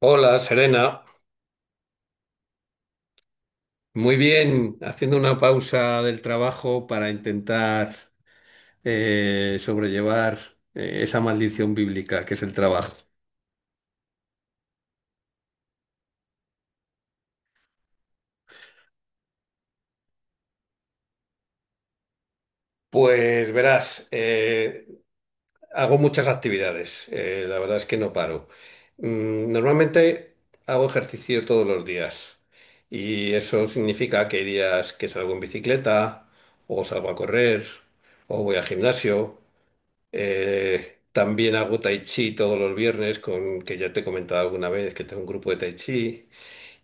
Hola, Serena. Muy bien, haciendo una pausa del trabajo para intentar sobrellevar esa maldición bíblica que es el trabajo. Pues verás, hago muchas actividades, la verdad es que no paro. Normalmente hago ejercicio todos los días y eso significa que hay días que salgo en bicicleta o salgo a correr o voy al gimnasio. También hago tai chi todos los viernes, con, que ya te he comentado alguna vez que tengo un grupo de tai chi.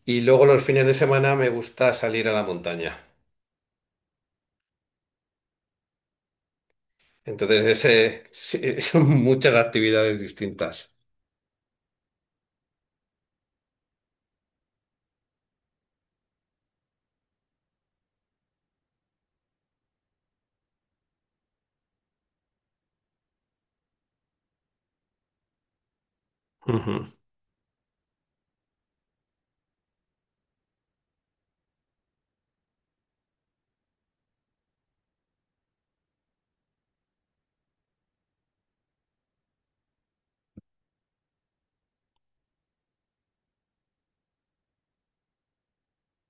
Y luego los fines de semana me gusta salir a la montaña. Entonces, ese, sí, son muchas actividades distintas. Ujú.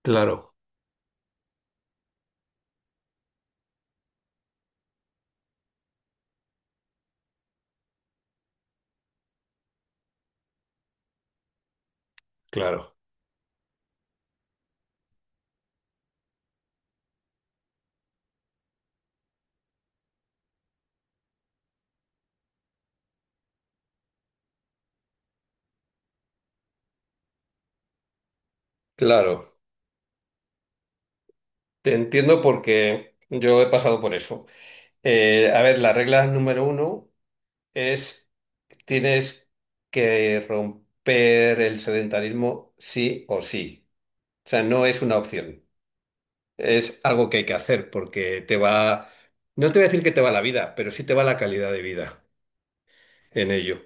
Claro, claro, claro. Te entiendo porque yo he pasado por eso. A ver, la regla número uno es tienes que romper el sedentarismo sí o sí. O sea, no es una opción. Es algo que hay que hacer porque te va, no te voy a decir que te va la vida, pero sí te va la calidad de vida en ello.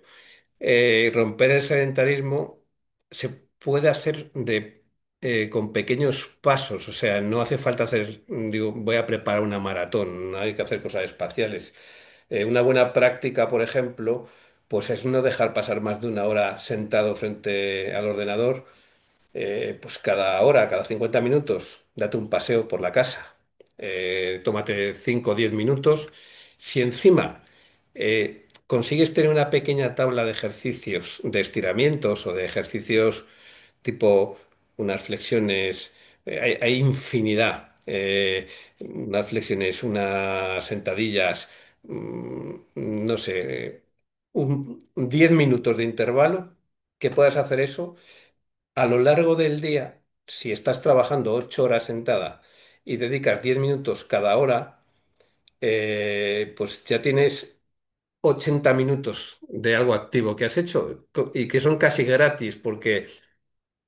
Romper el sedentarismo se puede hacer de, con pequeños pasos, o sea, no hace falta hacer, digo, voy a preparar una maratón, no hay que hacer cosas espaciales. Una buena práctica, por ejemplo, pues es no dejar pasar más de una hora sentado frente al ordenador pues cada hora, cada 50 minutos, date un paseo por la casa, tómate 5 o 10 minutos. Si encima consigues tener una pequeña tabla de ejercicios, de estiramientos o de ejercicios tipo unas flexiones, hay infinidad, unas flexiones, unas sentadillas, no sé, un, 10 minutos de intervalo, que puedas hacer eso. A lo largo del día, si estás trabajando ocho horas sentada y dedicas 10 minutos cada hora, pues ya tienes 80 minutos de algo activo que has hecho y que son casi gratis porque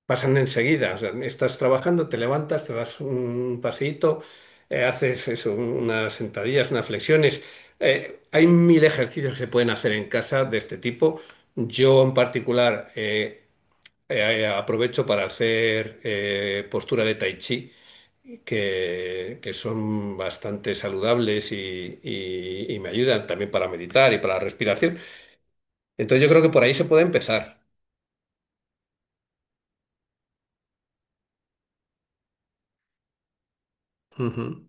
pasan enseguida. O sea, estás trabajando, te levantas, te das un paseíto, haces eso, unas sentadillas, unas flexiones. Hay mil ejercicios que se pueden hacer en casa de este tipo. Yo en particular... aprovecho para hacer postura de tai chi, que son bastante saludables y, y me ayudan también para meditar y para la respiración. Entonces yo creo que por ahí se puede empezar. Ujú.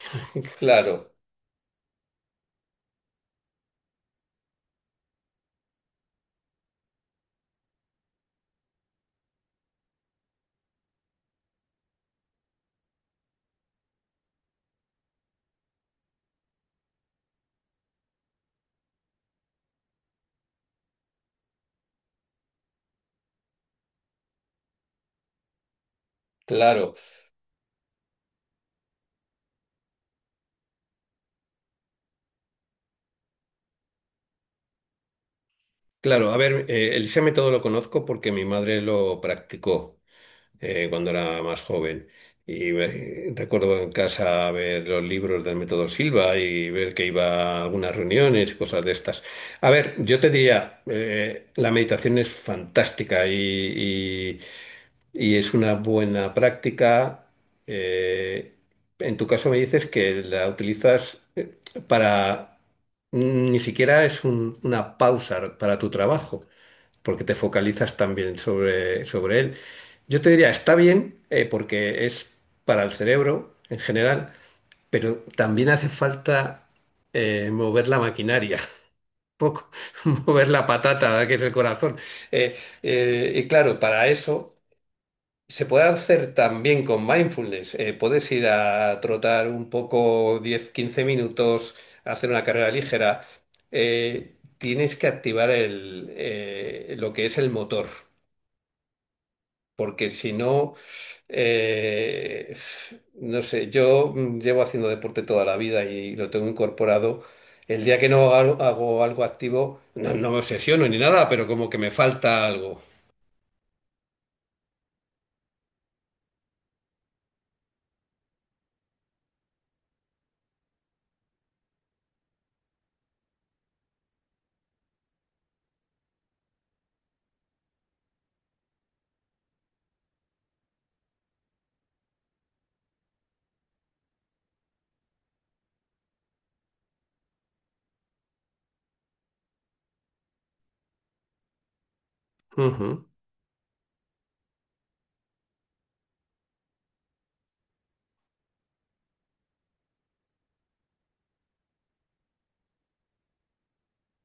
Claro, claro, claro. A ver, el Isame todo lo conozco porque mi madre lo practicó. Cuando era más joven. Y recuerdo en casa ver los libros del método Silva y ver que iba a algunas reuniones y cosas de estas. A ver, yo te diría, la meditación es fantástica y es una buena práctica. eh, en tu caso me dices que la utilizas para... Ni siquiera es una pausa para tu trabajo, porque te focalizas también sobre, sobre él. Yo te diría, está bien, porque es para el cerebro en general, pero también hace falta mover la maquinaria, un poco, mover la patata, que es el corazón. Eh, y claro, para eso... Se puede hacer también con mindfulness. Puedes ir a trotar un poco diez quince minutos, hacer una carrera ligera. Tienes que activar el, lo que es el motor, porque si no, eh, no sé, yo llevo haciendo deporte toda la vida y lo tengo incorporado. El día que no hago, hago algo activo, no, no me obsesiono ni nada, pero como que me falta algo. Ujú,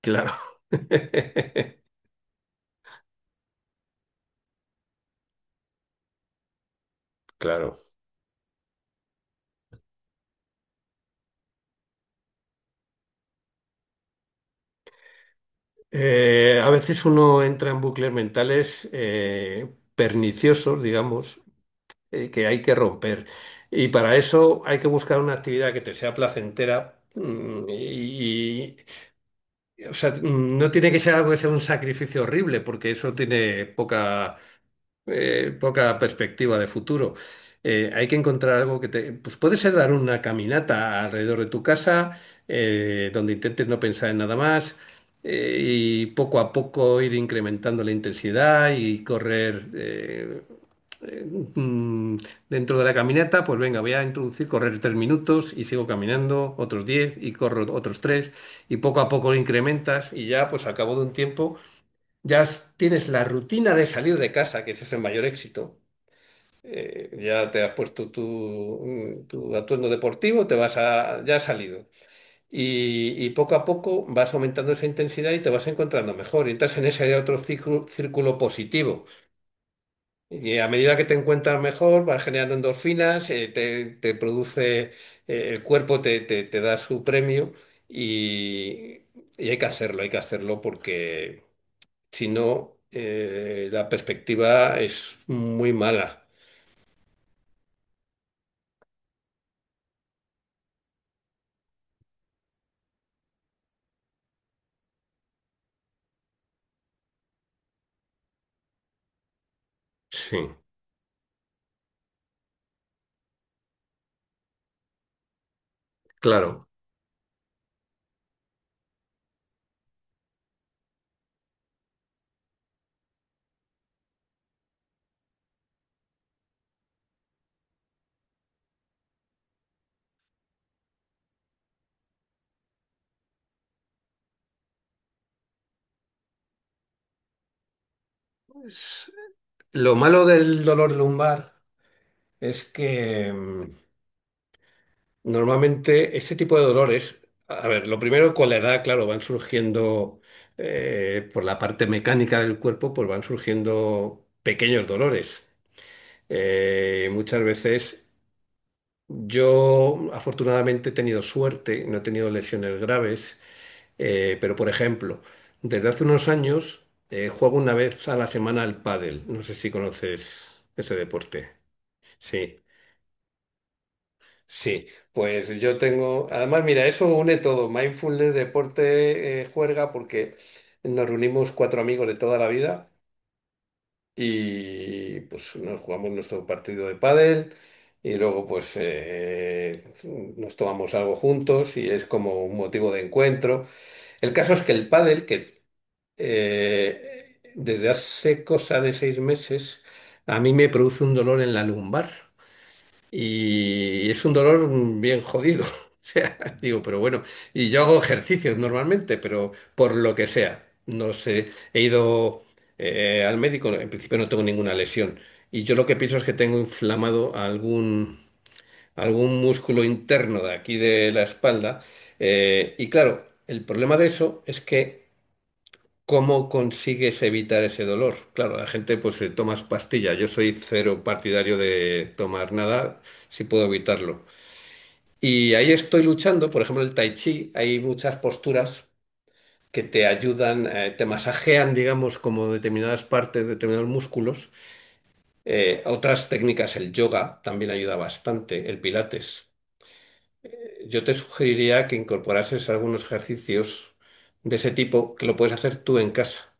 claro, claro. A veces uno entra en bucles mentales perniciosos, digamos, que hay que romper. Y para eso hay que buscar una actividad que te sea placentera. Y, o sea, no tiene que ser algo que sea un sacrificio horrible, porque eso tiene poca, poca perspectiva de futuro. Hay que encontrar algo que te... Pues puede ser dar una caminata alrededor de tu casa, donde intentes no pensar en nada más, y poco a poco ir incrementando la intensidad y correr... eh, mm, dentro de la caminata, pues venga, voy a introducir correr tres minutos y sigo caminando otros 10 y corro otros tres y poco a poco lo incrementas y ya pues al cabo de un tiempo ya tienes la rutina de salir de casa, que ese es el mayor éxito. Ya te has puesto tu, tu atuendo deportivo, te vas a, ya has salido. Y poco a poco vas aumentando esa intensidad y te vas encontrando mejor. Y entras en ese otro círculo, círculo positivo. Y a medida que te encuentras mejor, vas generando endorfinas, te, te produce, el cuerpo te, te da su premio y, y hay que hacerlo porque si no, la perspectiva es muy mala. Sí, claro. Es- Lo malo del dolor lumbar es que normalmente este tipo de dolores, a ver, lo primero con la edad, claro, van surgiendo por la parte mecánica del cuerpo, pues van surgiendo pequeños dolores. Muchas veces yo afortunadamente he tenido suerte, no he tenido lesiones graves. Pero, por ejemplo, desde hace unos años juego una vez a la semana al pádel. No sé si conoces ese deporte. Sí, sí. Pues yo tengo... Además, mira, eso une todo. Mindfulness, deporte, juerga, porque nos reunimos cuatro amigos de toda la vida y pues nos jugamos nuestro partido de pádel y luego pues nos tomamos algo juntos y es como un motivo de encuentro. El caso es que el pádel, que desde hace cosa de seis meses, a mí me produce un dolor en la lumbar y es un dolor bien jodido. O sea, digo, pero bueno, y yo hago ejercicios normalmente, pero por lo que sea, no sé, he ido al médico, en principio no tengo ninguna lesión y yo lo que pienso es que tengo inflamado algún, algún músculo interno de aquí de la espalda y claro, el problema de eso es que ¿cómo consigues evitar ese dolor? Claro, la gente pues se toma su pastilla. Yo soy cero partidario de tomar nada si puedo evitarlo. Y ahí estoy luchando, por ejemplo, el tai chi, hay muchas posturas que te ayudan, te masajean, digamos, como determinadas partes, determinados músculos. Otras técnicas, el yoga también ayuda bastante, el pilates. Yo te sugeriría que incorporases algunos ejercicios de ese tipo que lo puedes hacer tú en casa.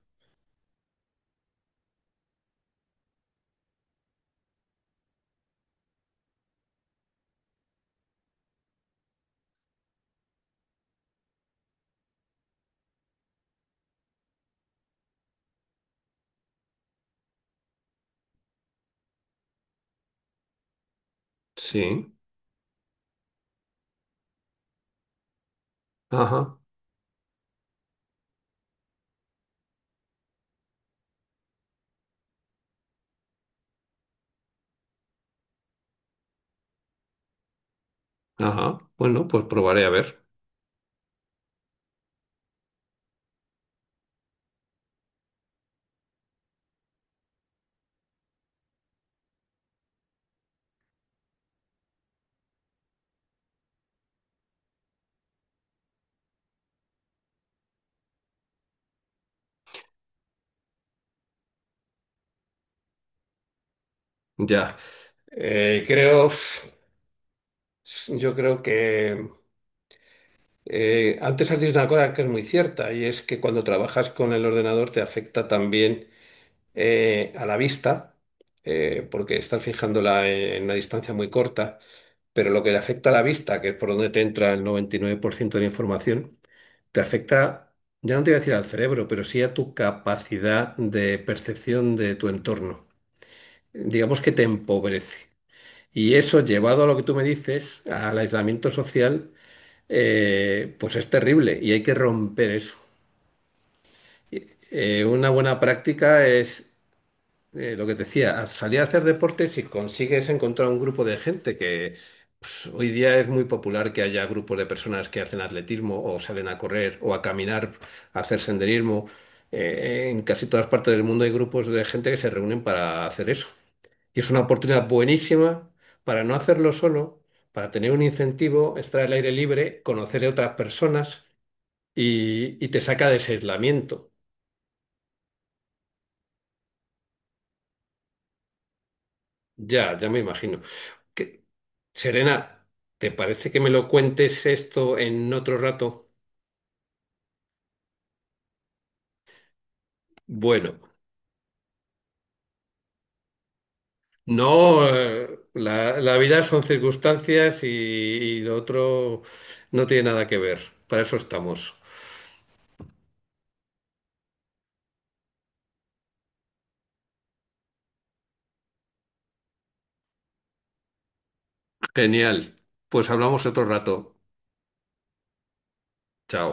Sí. Ajá. Ajá, bueno, pues probaré a ver. Ya. Eh, creo, yo creo que antes has dicho una cosa que es muy cierta y es que cuando trabajas con el ordenador te afecta también a la vista, porque estás fijándola en una distancia muy corta, pero lo que le afecta a la vista, que es por donde te entra el 99% de la información, te afecta, ya no te voy a decir al cerebro, pero sí a tu capacidad de percepción de tu entorno. Digamos que te empobrece. Y eso, llevado a lo que tú me dices, al aislamiento social, pues es terrible y hay que romper eso. Una buena práctica es lo que te decía, salir a hacer deporte si consigues encontrar un grupo de gente que pues, hoy día es muy popular que haya grupos de personas que hacen atletismo o salen a correr o a caminar, a hacer senderismo. En casi todas partes del mundo hay grupos de gente que se reúnen para hacer eso. Y es una oportunidad buenísima para no hacerlo solo, para tener un incentivo, estar al aire libre, conocer a otras personas y te saca de ese aislamiento. Ya, ya me imagino. Que- Serena, ¿te parece que me lo cuentes esto en otro rato? Bueno, no, la, la vida son circunstancias y lo otro no tiene nada que ver. Para eso estamos. Genial. Pues hablamos otro rato. Chao.